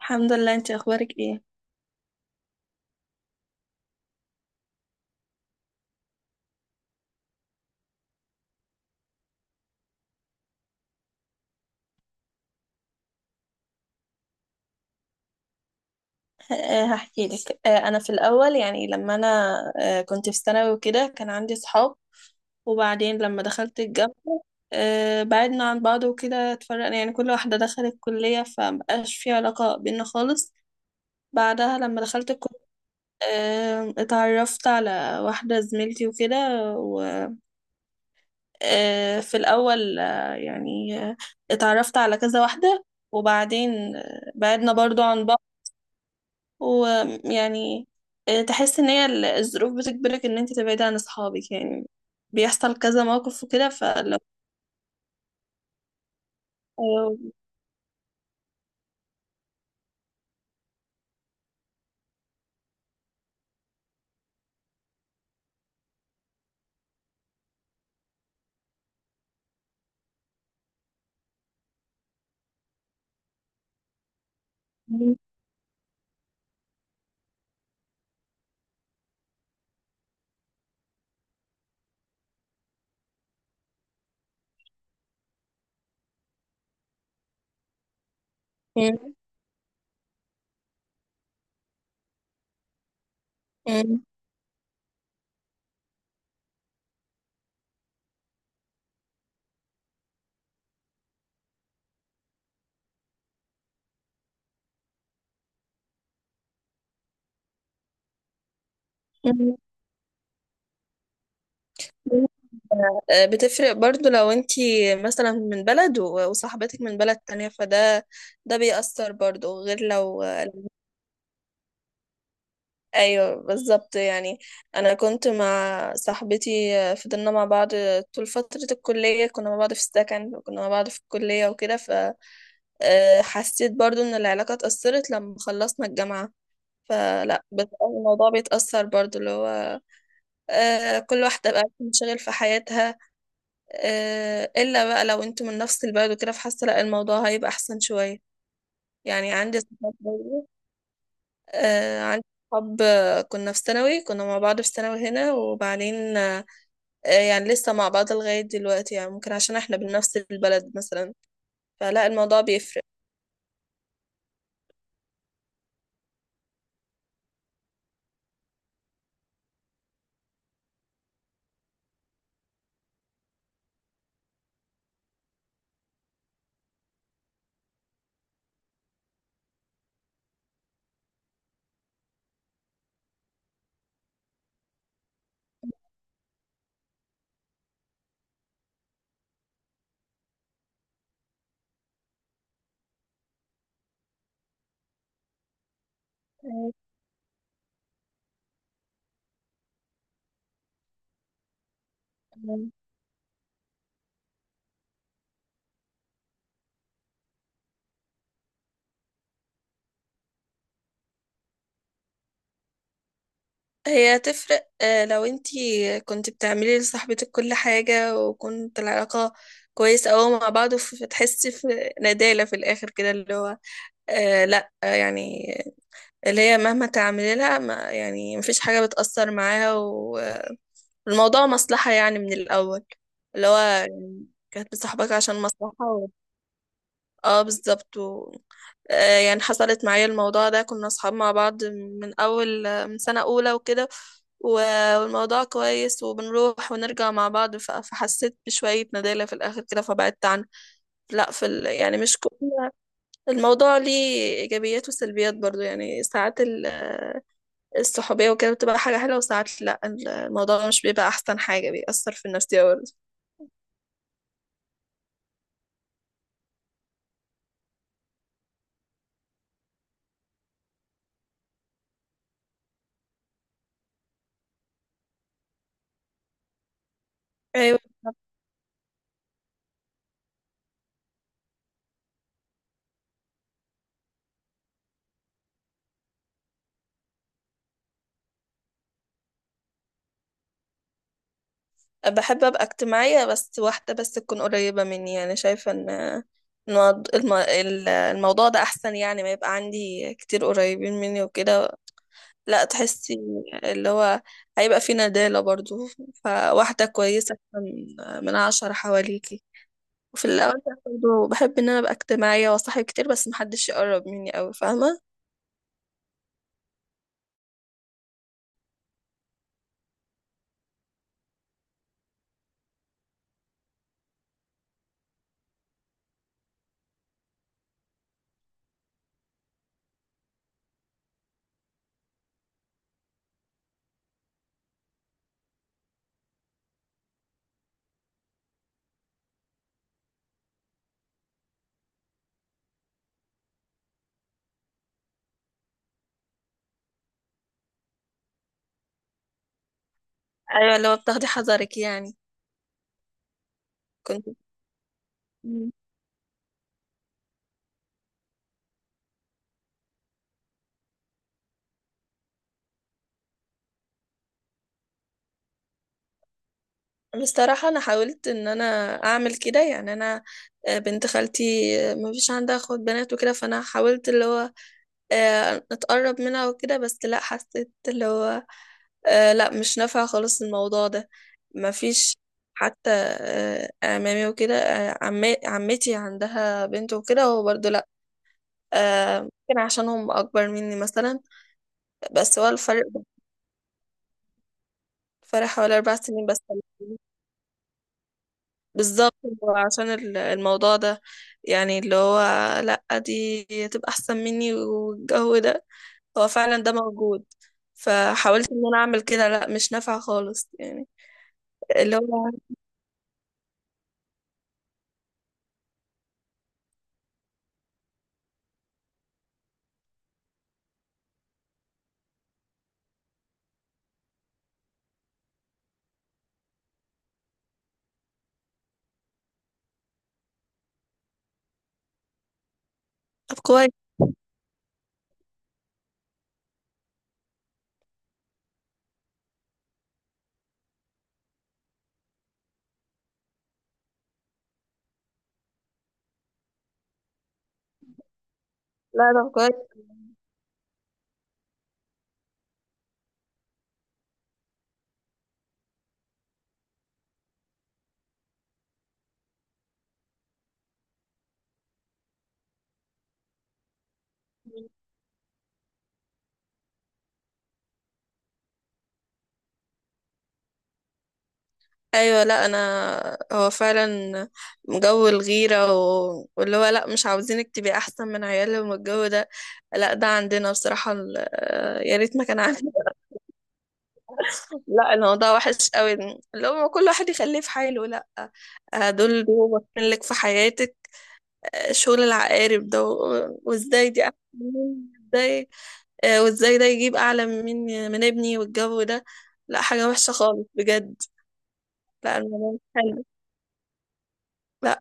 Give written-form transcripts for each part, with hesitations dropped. الحمد لله، انت اخبارك ايه؟ هحكي لك. انا في الاول، يعني لما انا آه، كنت في ثانوي وكده كان عندي صحاب، وبعدين لما دخلت الجامعه بعدنا عن بعض وكده، اتفرقنا يعني. كل واحده دخلت كليه فمبقاش في علاقه بينا خالص. بعدها لما دخلت الكليه اتعرفت على واحده زميلتي وكده، وفي الاول اتعرفت على كذا واحده، وبعدين بعدنا برضو عن بعض. ويعني تحس ان هي الظروف بتجبرك ان انت تبعدي عن اصحابك يعني، بيحصل كذا موقف وكده. فلو آه، م- م- م- م- آه، بتفرق برضو لو انت مثلا من بلد وصاحبتك من بلد تانية، ده بيأثر برضو، غير لو… ايوه بالظبط يعني. انا كنت مع صاحبتي، فضلنا مع بعض طول فترة الكلية، كنا مع بعض في السكن وكنا مع بعض في الكلية وكده. ف آه، حسيت برضو ان العلاقة اتأثرت لما خلصنا الجامعة. الموضوع بيتأثر برضو، اللي هو كل واحدة بقى بتنشغل في حياتها. إلا بقى لو انتوا من نفس البلد وكده، فحاسة لا الموضوع هيبقى أحسن شوية. يعني عندي صحاب برضو، عندي صحاب كنا في ثانوي، كنا مع بعض في ثانوي هنا، وبعدين يعني لسه مع بعض لغاية دلوقتي، يعني ممكن عشان احنا بنفس البلد مثلا، فلا الموضوع بيفرق. أيوة. تمام. هي تفرق لو انتي كنت بتعملي لصاحبتك كل حاجة، وكنت العلاقة كويسة أوي مع بعض، وتحسي في ندالة في الآخر كده، اللي هو آه لأ آه، يعني اللي هي مهما تعملي لها، ما يعني مفيش حاجة بتأثر معاها، الموضوع مصلحة يعني من الأول، اللي هو يعني كانت بتصاحبك عشان مصلحة. و... اه بالظبط. و... يعني حصلت معايا الموضوع ده، كنا أصحاب مع بعض من أول، من سنة أولى وكده، والموضوع كويس وبنروح ونرجع مع بعض، فحسيت بشوية ندالة في الآخر كده فبعدت عنه. لا في ال… يعني مش كل الموضوع ليه إيجابيات وسلبيات برضو يعني. ساعات الصحوبية وكده بتبقى حاجة حلوة، وساعات لأ، الموضوع مش بيبقى أحسن حاجة، بيأثر في النفسية برضه. أيوة. بحب أبقى اجتماعية، بس واحدة بس تكون قريبة مني، يعني شايفة إن إن الموض- الم- ال- الموضوع ده أحسن، يعني ما يبقى عندي كتير قريبين مني وكده، لا، تحسي اللي هو هيبقى في ندالة برضو. فواحدة كويسة من عشرة حواليكي. وفي الأول برضو بحب إن أنا أبقى اجتماعية وأصاحب كتير، بس محدش يقرب مني أوي. فاهمة؟ أيوة، اللي هو بتاخدي حذرك يعني. كنت مم. بصراحة أنا حاولت إن أنا أعمل كده. يعني أنا بنت خالتي ما فيش عندها أخوات بنات وكده، فأنا حاولت اللي هو أتقرب منها وكده، بس لا حسيت اللي هو لا مش نافع خالص الموضوع ده. مفيش حتى أمامي وكده. عمتي عندها بنت وكده، هو برضه لا، ممكن عشان هم أكبر مني مثلا. بس هو الفرق، فرق حوالي 4 سنين بس. بالظبط. هو عشان الموضوع ده، يعني اللي هو لا دي تبقى أحسن مني، والجو ده هو فعلا ده موجود. فحاولت إن أنا أعمل كده، لا مش نافع خالص يعني. اللي هو طب كويس. لا طب كويس. ايوه. لا انا، هو فعلا جو الغيره، و... واللي هو لا مش عاوزينك تبقي احسن من عيالهم، والجو ده، لا ده عندنا بصراحه ال… يا ريت ما كان عندنا. لا الموضوع وحش قوي، اللي هو كل واحد يخليه في حاله، لا، دول بيبقوا لك في حياتك. شغل العقارب ده، و... وازاي دي احسن مني؟ ازاي وازاي ده يجيب اعلى من ابني، والجو ده، لا حاجه وحشه خالص بجد. لا الموضوع مش حلو. لا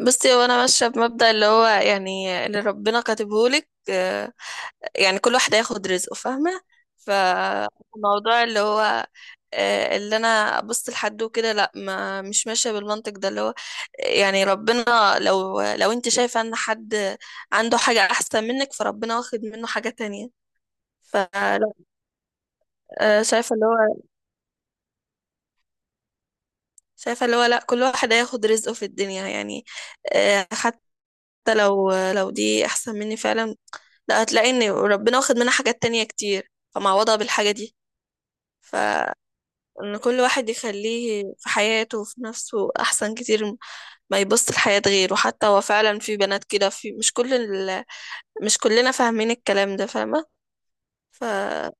بصي، هو انا ماشيه بمبدأ اللي هو يعني اللي ربنا كاتبهولك. يعني كل واحد هياخد رزقه، فاهمه؟ فالموضوع اللي هو اللي انا ابص لحد وكده، لا، ما مش ماشيه بالمنطق ده. اللي هو يعني ربنا لو انت شايفه ان حد عنده حاجه احسن منك، فربنا واخد منه حاجه تانية. فلا آه، شايفه اللي هو شايفه اللي هو لا، كل واحد هياخد رزقه في الدنيا يعني. حتى لو دي احسن مني فعلا، لا هتلاقي ان ربنا واخد منها حاجات تانية كتير فمعوضها بالحاجة دي. فان كل واحد يخليه في حياته وفي نفسه احسن كتير، ما يبص لحياة غيره. حتى هو فعلا في بنات كده، في مش كل ال… مش كلنا فاهمين الكلام ده، فاهمة؟ فا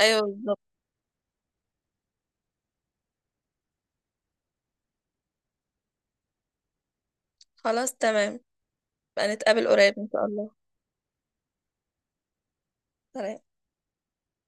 ايوه بالظبط. خلاص تمام. بقى نتقابل قريب ان شاء الله. سلام.